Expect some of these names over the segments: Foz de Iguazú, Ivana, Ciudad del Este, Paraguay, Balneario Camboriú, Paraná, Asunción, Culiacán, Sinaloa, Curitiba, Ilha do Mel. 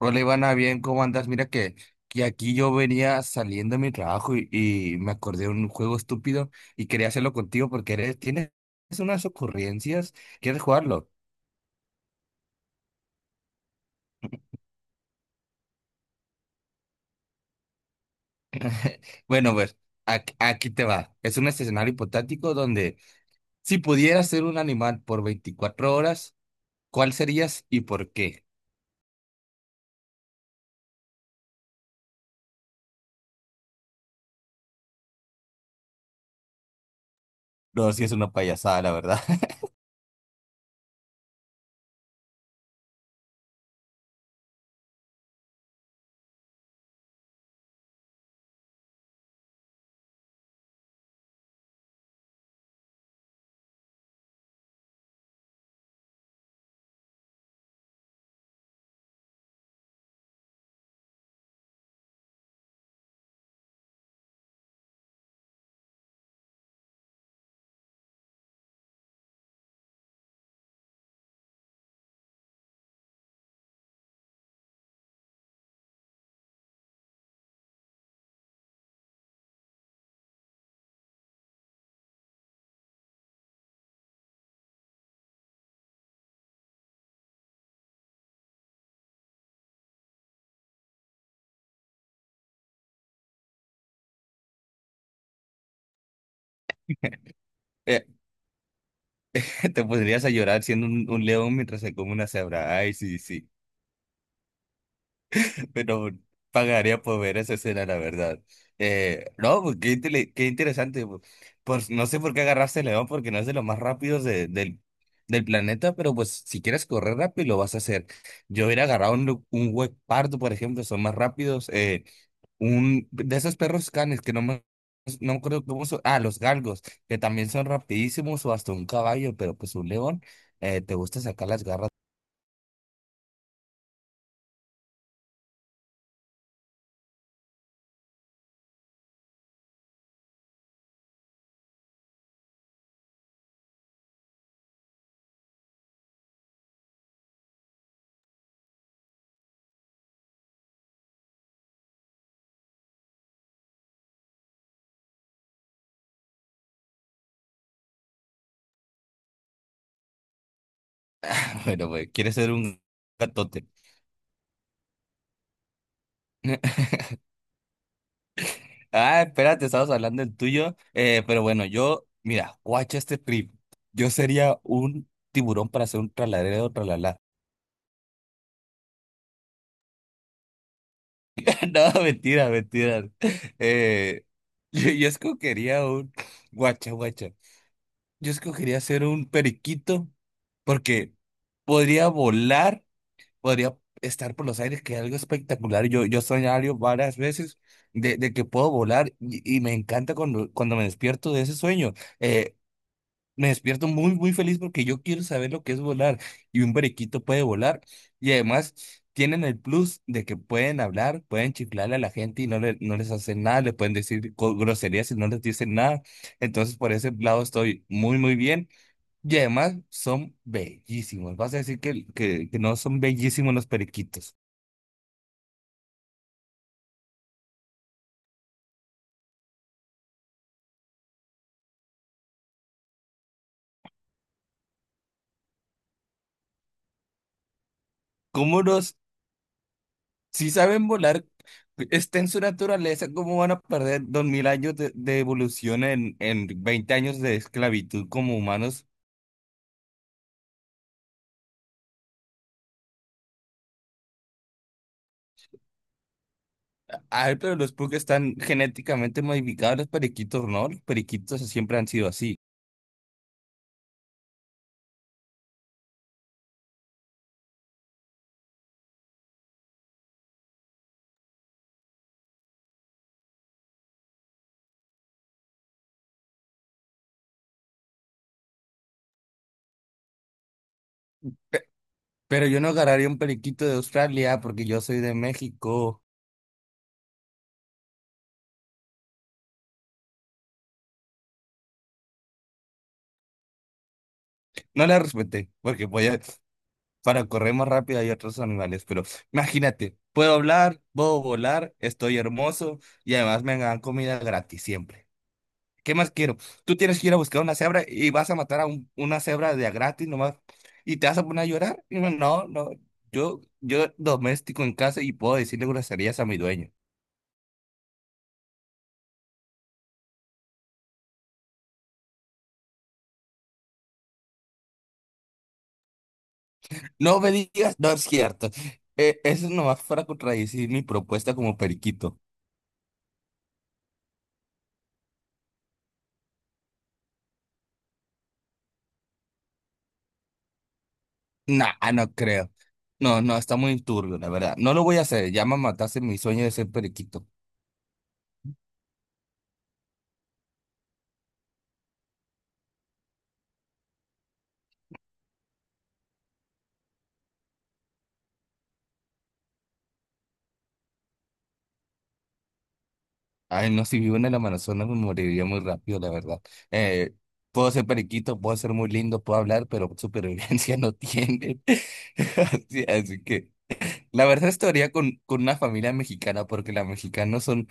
Hola Ivana, bien, ¿cómo andas? Mira que aquí yo venía saliendo de mi trabajo y me acordé de un juego estúpido y quería hacerlo contigo porque eres, tienes unas ocurrencias. ¿Quieres jugarlo? Bueno, pues aquí te va. Es un escenario hipotético donde, si pudieras ser un animal por 24 horas, ¿cuál serías y por qué? No, si es una payasada, la verdad. Eh, Te pondrías a llorar siendo un león mientras se come una cebra. Ay, sí, sí. Pero pagaría por ver esa escena, la verdad. No, pues, qué, qué interesante. Pues, no sé por qué agarraste el león, porque no es de los más rápidos del planeta, pero pues si quieres correr rápido, lo vas a hacer. Yo hubiera agarrado un hueco pardo, por ejemplo, son más rápidos. Un de esos perros canes que no me acuerdo cómo son. Ah, los galgos, que también son rapidísimos, o hasta un caballo, pero pues un león, te gusta sacar las garras. Bueno, pues quieres ser un gatote. Ah, espérate, estabas hablando del tuyo. Pero bueno, yo, mira, guacha este trip. Yo sería un tiburón para hacer un tralalero, tralala. No, mentira, mentira. Eh, yo, yo escogería un. Guacha, guacha. Yo escogería ser un periquito porque podría volar, podría estar por los aires, que es algo espectacular. Yo soñado varias veces de que puedo volar, y me encanta cuando, cuando me despierto de ese sueño. Eh, Me despierto muy, muy feliz porque yo quiero saber lo que es volar. Y un periquito puede volar. Y además tienen el plus de que pueden hablar, pueden chiflarle a la gente y no les hacen nada. Le pueden decir groserías y no les dicen nada. Entonces, por ese lado estoy muy, muy bien. Y además son bellísimos. Vas a decir que no son bellísimos los periquitos. ¿Cómo los Si saben volar, está en su naturaleza, ¿cómo van a perder 2000 años de evolución en 20 años de esclavitud como humanos? Ay, pero los Pug están genéticamente modificados, los periquitos no, los periquitos siempre han sido así. Pe- Pero yo no agarraría un periquito de Australia porque yo soy de México. No la respeté, porque podía, para correr más rápido hay otros animales, pero imagínate, puedo hablar, puedo volar, estoy hermoso y además me dan comida gratis siempre. ¿Qué más quiero? Tú tienes que ir a buscar una cebra y vas a matar a una cebra de a gratis nomás y te vas a poner a llorar. Y yo, no, no, yo doméstico en casa y puedo decirle groserías a mi dueño. No me digas, no es cierto. Eso nomás para contradecir mi propuesta como periquito. Nah, ah, no creo. No, no, está muy turbio, la verdad. No lo voy a hacer, ya me mataste mi sueño de ser periquito. Ay, no, si vivo en el Amazonas me moriría muy rápido, la verdad. Eh, Puedo ser periquito, puedo ser muy lindo, puedo hablar, pero supervivencia no tienen. Así, así que la verdad estaría con una familia mexicana, porque los mexicanos son,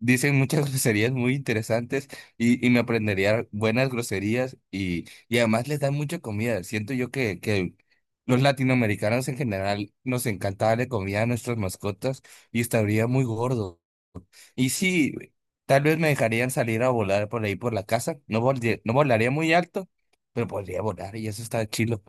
dicen muchas groserías muy interesantes y me aprendería buenas groserías, y además les dan mucha comida. Siento yo que los latinoamericanos en general nos encanta darle comida a nuestras mascotas y estaría muy gordo. Y sí, tal vez me dejarían salir a volar por ahí por la casa. No volaría muy alto, pero podría volar y eso está chilo.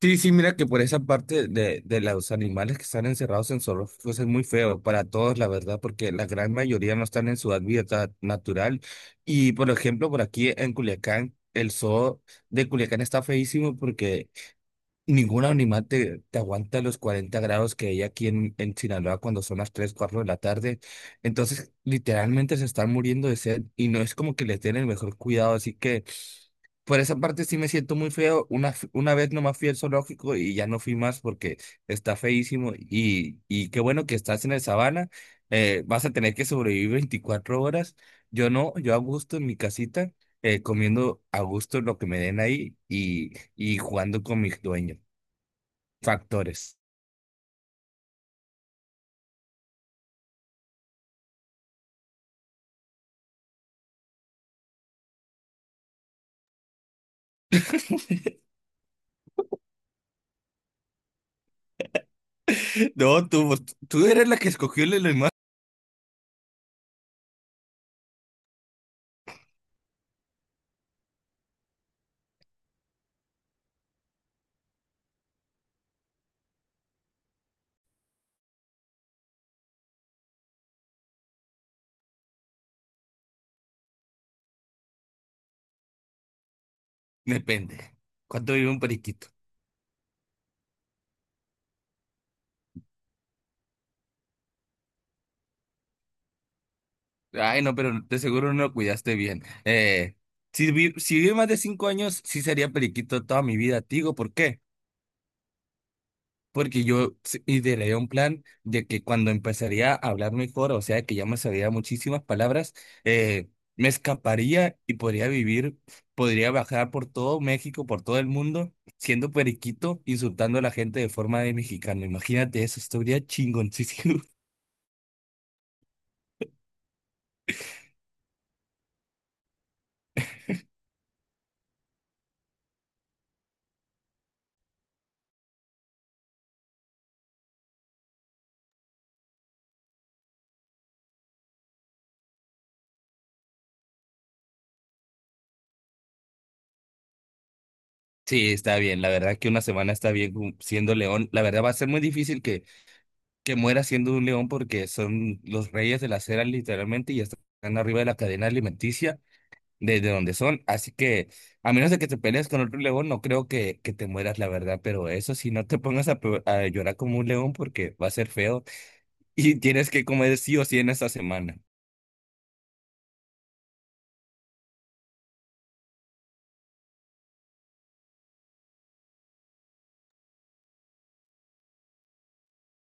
Sí, sí, mira que por esa parte de los animales que están encerrados en zoológicos es muy feo para todos, la verdad, porque la gran mayoría no están en su hábitat natural. Y por ejemplo, por aquí en Culiacán, el zoo de Culiacán está feísimo porque ningún animal te aguanta los 40 grados que hay aquí en Sinaloa cuando son las 3 4 de la tarde. Entonces, literalmente se están muriendo de sed y no es como que les den el mejor cuidado. Así que por esa parte sí me siento muy feo. Una vez nomás fui al zoológico y ya no fui más porque está feísimo. Y qué bueno que estás en el sabana. Vas a tener que sobrevivir 24 horas. Yo no, yo a gusto en mi casita, comiendo a gusto lo que me den ahí y jugando con mis dueños factores. No, tú eres la que escogió el animal. Depende. ¿Cuánto vive un periquito? Ay, no, pero de seguro no lo cuidaste bien. Si si vive más de 5 años, sí sería periquito toda mi vida. Te digo, ¿por qué? Porque yo ideé un plan de que cuando empezaría a hablar mejor, o sea, que ya me sabía muchísimas palabras, eh, me escaparía y podría vivir, podría bajar por todo México, por todo el mundo, siendo periquito, insultando a la gente de forma de mexicano. Imagínate eso, estaría chingoncísimo. Sí, está bien. La verdad que una semana está bien, siendo león. La verdad va a ser muy difícil que muera siendo un león porque son los reyes de la acera literalmente y están arriba de la cadena alimenticia. Desde donde son. Así que, a menos de que te pelees con otro león, no creo que te mueras, la verdad. Pero eso sí, no te pongas a llorar como un león porque va a ser feo y tienes que comer sí o sí en esta semana.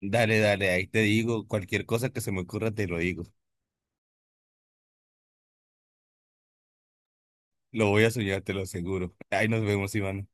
Dale, dale, ahí te digo, cualquier cosa que se me ocurra te lo digo. Lo voy a soñar, te lo aseguro. Ahí nos vemos, Iván.